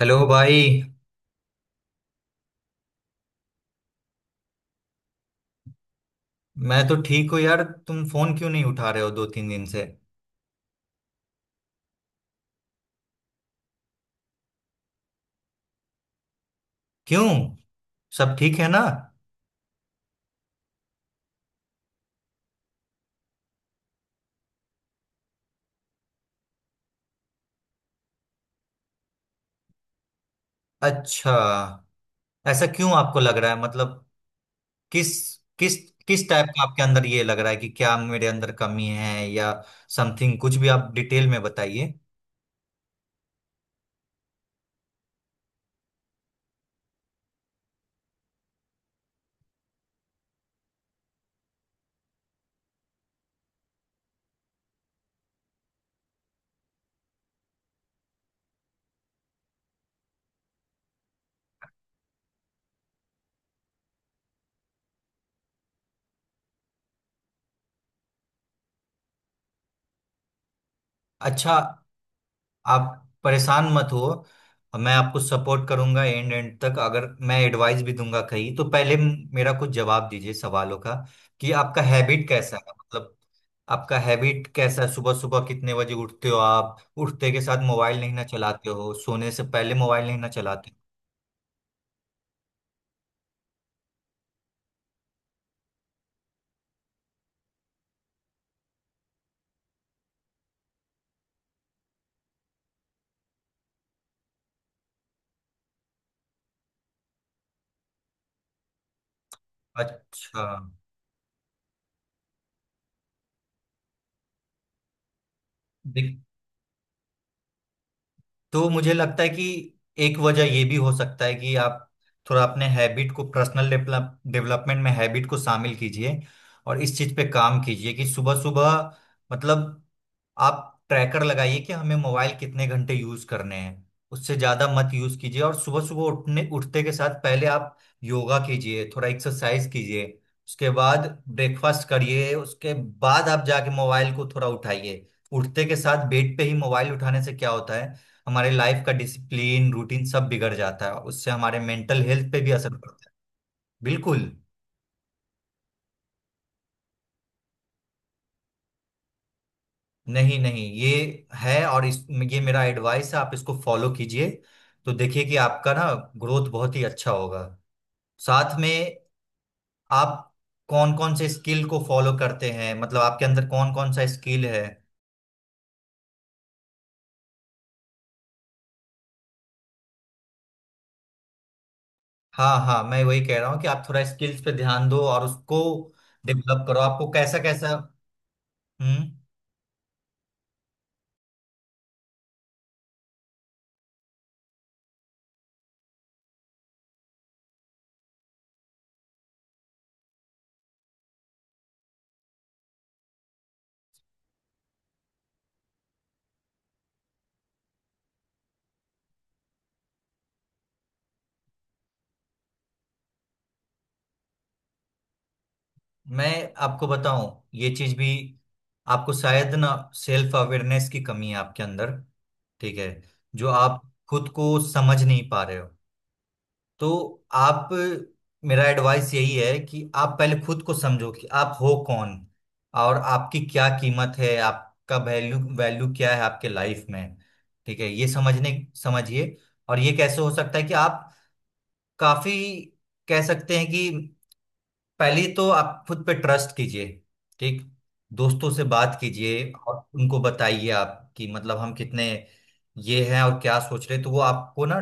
Hello भाई। मैं तो ठीक हूँ यार, तुम फोन क्यों नहीं उठा रहे हो दो तीन दिन से? क्यों, सब ठीक है ना? अच्छा। ऐसा क्यों आपको लग रहा है, मतलब किस किस किस टाइप का आपके अंदर ये लग रहा है कि क्या मेरे अंदर कमी है या समथिंग? कुछ भी आप डिटेल में बताइए। अच्छा, आप परेशान मत हो, मैं आपको सपोर्ट करूंगा एंड एंड तक। अगर मैं एडवाइस भी दूंगा कहीं तो पहले मेरा कुछ जवाब दीजिए सवालों का, कि आपका हैबिट कैसा है, मतलब आपका हैबिट कैसा है? सुबह सुबह कितने बजे उठते हो? आप उठते के साथ मोबाइल नहीं ना चलाते हो? सोने से पहले मोबाइल नहीं ना चलाते हो? अच्छा, तो मुझे लगता है कि एक वजह ये भी हो सकता है कि आप थोड़ा अपने हैबिट को पर्सनल डेवलपमेंट में हैबिट को शामिल कीजिए, और इस चीज पे काम कीजिए कि सुबह सुबह, मतलब आप ट्रैकर लगाइए कि हमें मोबाइल कितने घंटे यूज करने हैं, उससे ज्यादा मत यूज कीजिए। और सुबह सुबह उठने उठते के साथ पहले आप योगा कीजिए, थोड़ा एक्सरसाइज कीजिए, उसके बाद ब्रेकफास्ट करिए, उसके बाद आप जाके मोबाइल को थोड़ा उठाइए। उठते के साथ बेड पे ही मोबाइल उठाने से क्या होता है, हमारे लाइफ का डिसिप्लिन रूटीन सब बिगड़ जाता है, उससे हमारे मेंटल हेल्थ पे भी असर पड़ता है। बिल्कुल। नहीं नहीं, ये है, और इस, ये मेरा एडवाइस है, आप इसको फॉलो कीजिए तो देखिए कि आपका ना ग्रोथ बहुत ही अच्छा होगा। साथ में आप कौन कौन से स्किल को फॉलो करते हैं, मतलब आपके अंदर कौन कौन सा स्किल है? हाँ हाँ, मैं वही कह रहा हूँ कि आप थोड़ा स्किल्स पे ध्यान दो और उसको डेवलप करो। आपको कैसा कैसा? हम्म मैं आपको बताऊं, ये चीज भी आपको शायद ना, सेल्फ अवेयरनेस की कमी है आपके अंदर। ठीक है? जो आप खुद को समझ नहीं पा रहे हो, तो आप, मेरा एडवाइस यही है कि आप पहले खुद को समझो कि आप हो कौन, और आपकी क्या कीमत है, आपका वैल्यू वैल्यू क्या है आपके लाइफ में। ठीक है? ये समझने समझिए। और ये कैसे हो सकता है कि आप काफी, कह सकते हैं कि पहले तो आप खुद पे ट्रस्ट कीजिए, ठीक। दोस्तों से बात कीजिए और उनको बताइए आप कि मतलब हम कितने ये हैं और क्या सोच रहे हैं, तो वो आपको ना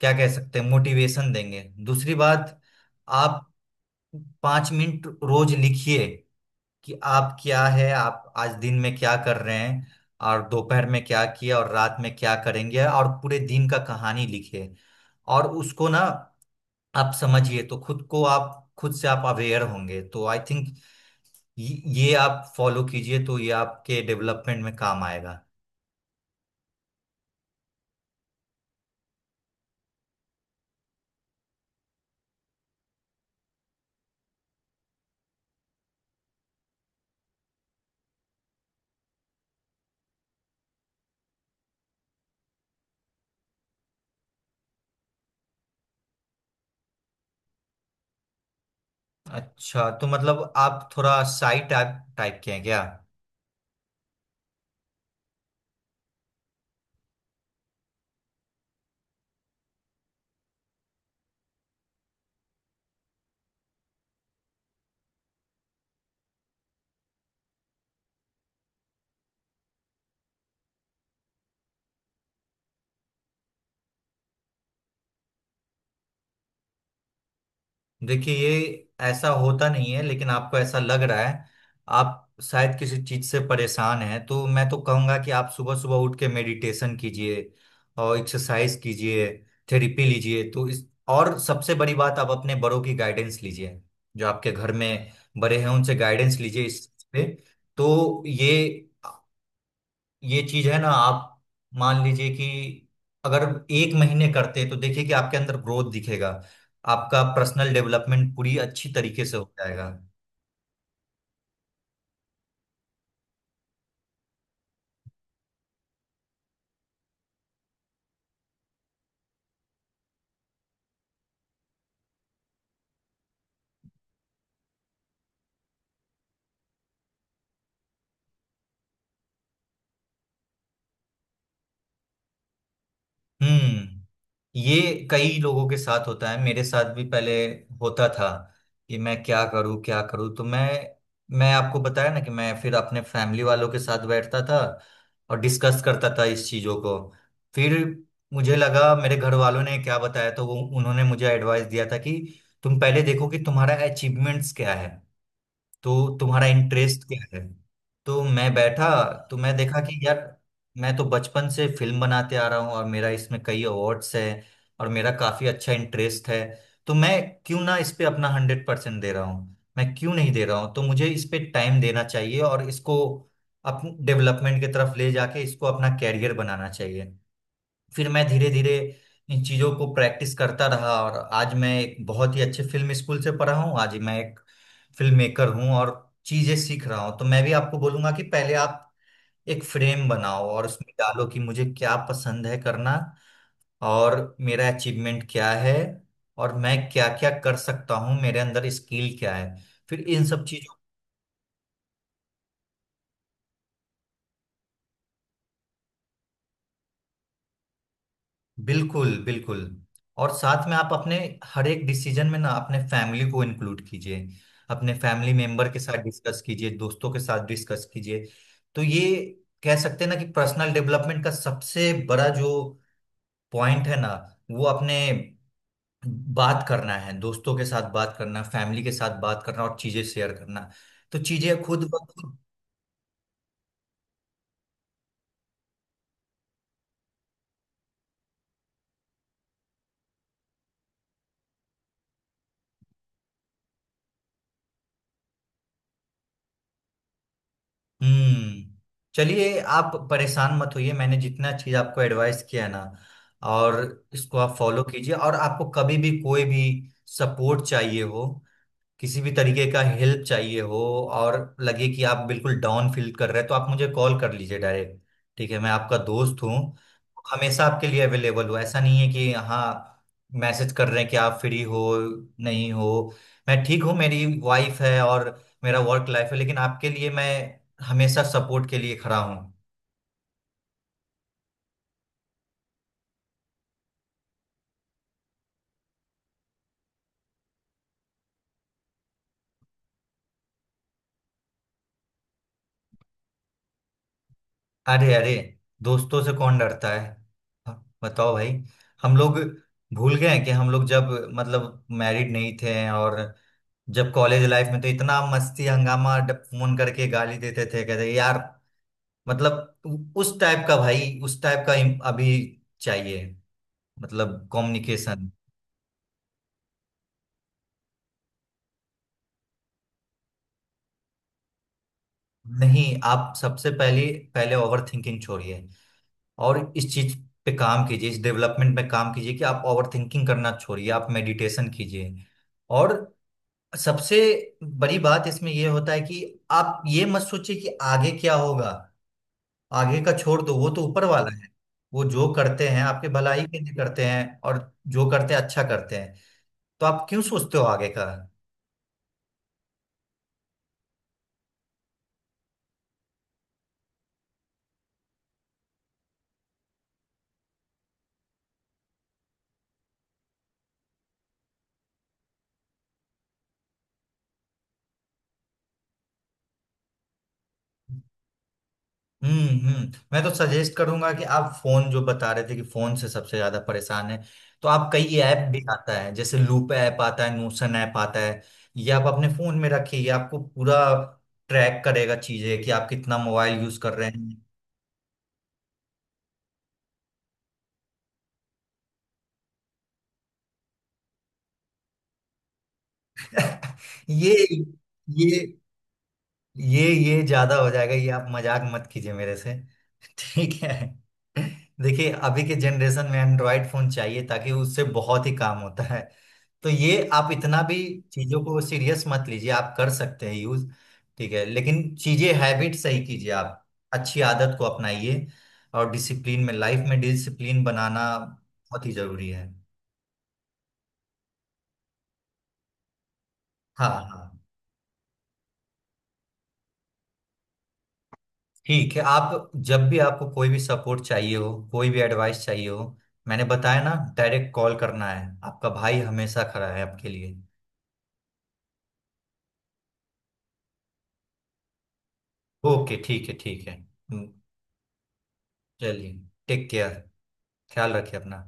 क्या कह सकते हैं, मोटिवेशन देंगे। दूसरी बात, आप 5 मिनट रोज लिखिए कि आप क्या है, आप आज दिन में क्या कर रहे हैं, और दोपहर में क्या किया, और रात में क्या करेंगे, और पूरे दिन का कहानी लिखिए, और उसको ना आप समझिए तो खुद को आप, खुद से आप अवेयर होंगे तो आई थिंक ये आप फॉलो कीजिए तो ये आपके डेवलपमेंट में काम आएगा। अच्छा, तो मतलब आप थोड़ा साई टाइप टाइप के हैं क्या? देखिए ये ऐसा होता नहीं है, लेकिन आपको ऐसा लग रहा है। आप शायद किसी चीज से परेशान हैं, तो मैं तो कहूंगा कि आप सुबह सुबह उठ के मेडिटेशन कीजिए और एक्सरसाइज कीजिए, थेरेपी लीजिए तो इस, और सबसे बड़ी बात आप अपने बड़ों की गाइडेंस लीजिए। जो आपके घर में बड़े हैं उनसे गाइडेंस लीजिए इस चीज पे। तो ये चीज है ना, आप मान लीजिए कि अगर एक महीने करते तो देखिए कि आपके अंदर ग्रोथ दिखेगा, आपका पर्सनल डेवलपमेंट पूरी अच्छी तरीके से हो जाएगा। हम्म ये कई लोगों के साथ होता है, मेरे साथ भी पहले होता था कि मैं क्या करूं, क्या करूं। तो मैं आपको बताया ना कि मैं फिर अपने फैमिली वालों के साथ बैठता था और डिस्कस करता था इस चीजों को। फिर मुझे लगा मेरे घर वालों ने क्या बताया, तो वो उन्होंने मुझे एडवाइस दिया था कि तुम पहले देखो कि तुम्हारा अचीवमेंट्स क्या है, तो तुम्हारा इंटरेस्ट क्या है। तो मैं बैठा, तो मैं देखा कि यार, मैं तो बचपन से फिल्म बनाते आ रहा हूँ, और मेरा इसमें कई अवार्ड्स है और मेरा काफी अच्छा इंटरेस्ट है, तो मैं क्यों ना इस पे अपना 100% दे रहा हूँ, मैं क्यों नहीं दे रहा हूँ, तो मुझे इस पे टाइम देना चाहिए और इसको अपने डेवलपमेंट की तरफ ले जाके इसको अपना कैरियर बनाना चाहिए। फिर मैं धीरे धीरे इन चीजों को प्रैक्टिस करता रहा, और आज मैं एक बहुत ही अच्छे फिल्म स्कूल से पढ़ा हूँ, आज मैं एक फिल्म मेकर हूँ और चीजें सीख रहा हूँ। तो मैं भी आपको बोलूंगा कि पहले आप एक फ्रेम बनाओ और उसमें डालो कि मुझे क्या पसंद है करना, और मेरा अचीवमेंट क्या है, और मैं क्या क्या कर सकता हूँ, मेरे अंदर स्किल क्या है, फिर इन सब चीजों। बिल्कुल बिल्कुल। और साथ में आप अपने हर एक डिसीजन में ना अपने फैमिली को इंक्लूड कीजिए, अपने फैमिली मेंबर के साथ डिस्कस कीजिए, दोस्तों के साथ डिस्कस कीजिए। तो ये कह सकते हैं ना कि पर्सनल डेवलपमेंट का सबसे बड़ा जो पॉइंट है ना, वो अपने बात करना है, दोस्तों के साथ बात करना, फैमिली के साथ बात करना और चीजें शेयर करना, तो चीजें खुद ब खुद। हम्म चलिए, आप परेशान मत होइए, मैंने जितना चीज आपको एडवाइस किया है ना, और इसको आप फॉलो कीजिए। और आपको कभी भी कोई भी सपोर्ट चाहिए हो, किसी भी तरीके का हेल्प चाहिए हो, और लगे कि आप बिल्कुल डाउन फील कर रहे हैं, तो आप मुझे कॉल कर लीजिए डायरेक्ट। ठीक है, मैं आपका दोस्त हूँ, हमेशा आपके लिए अवेलेबल हूँ। ऐसा नहीं है कि हाँ, मैसेज कर रहे हैं कि आप फ्री हो, नहीं हो। मैं ठीक हूँ, मेरी वाइफ है और मेरा वर्क लाइफ है, लेकिन आपके लिए मैं हमेशा सपोर्ट के लिए खड़ा हूँ। अरे अरे, दोस्तों से कौन डरता है? हाँ, बताओ भाई। हम लोग भूल गए हैं कि हम लोग जब, मतलब मैरिड नहीं थे, और जब कॉलेज लाइफ में तो इतना मस्ती हंगामा, फोन करके गाली देते थे, कहते यार, मतलब उस टाइप का भाई, उस टाइप का अभी चाहिए, मतलब कम्युनिकेशन। नहीं, आप सबसे पहले, पहले ओवर थिंकिंग छोड़िए, और इस चीज पे काम कीजिए, इस डेवलपमेंट पे काम कीजिए कि आप ओवर थिंकिंग करना छोड़िए, आप मेडिटेशन कीजिए, और सबसे बड़ी बात इसमें यह होता है कि आप ये मत सोचिए कि आगे क्या होगा। आगे का छोड़ दो, वो तो ऊपर वाला है, वो जो करते हैं आपके भलाई के लिए करते हैं, और जो करते हैं अच्छा करते हैं, तो आप क्यों सोचते हो आगे का। मैं तो सजेस्ट करूंगा कि आप फोन, जो बता रहे थे कि फोन से सबसे ज्यादा परेशान है, तो आप कई ऐप भी आता है, जैसे लूप ऐप आता है, नोशन ऐप आता है, ये आप अपने फोन में रखिए, ये आपको पूरा ट्रैक करेगा चीजें कि आप कितना मोबाइल यूज कर रहे हैं। ये ये ये ज्यादा हो जाएगा, ये आप मजाक मत कीजिए मेरे से। ठीक है, देखिए अभी के जनरेशन में एंड्रॉयड फोन चाहिए ताकि उससे बहुत ही काम होता है, तो ये आप इतना भी चीजों को सीरियस मत लीजिए, आप कर सकते हैं यूज। ठीक है, लेकिन चीजें हैबिट सही कीजिए आप, अच्छी आदत को अपनाइए, और डिसिप्लिन में लाइफ में डिसिप्लिन बनाना बहुत ही जरूरी है। हाँ हाँ, ठीक है, आप जब भी आपको कोई भी सपोर्ट चाहिए हो, कोई भी एडवाइस चाहिए हो, मैंने बताया ना, डायरेक्ट कॉल करना है, आपका भाई हमेशा खड़ा है आपके लिए। ओके, ठीक है, ठीक है। चलिए, टेक केयर, ख्याल रखिए अपना।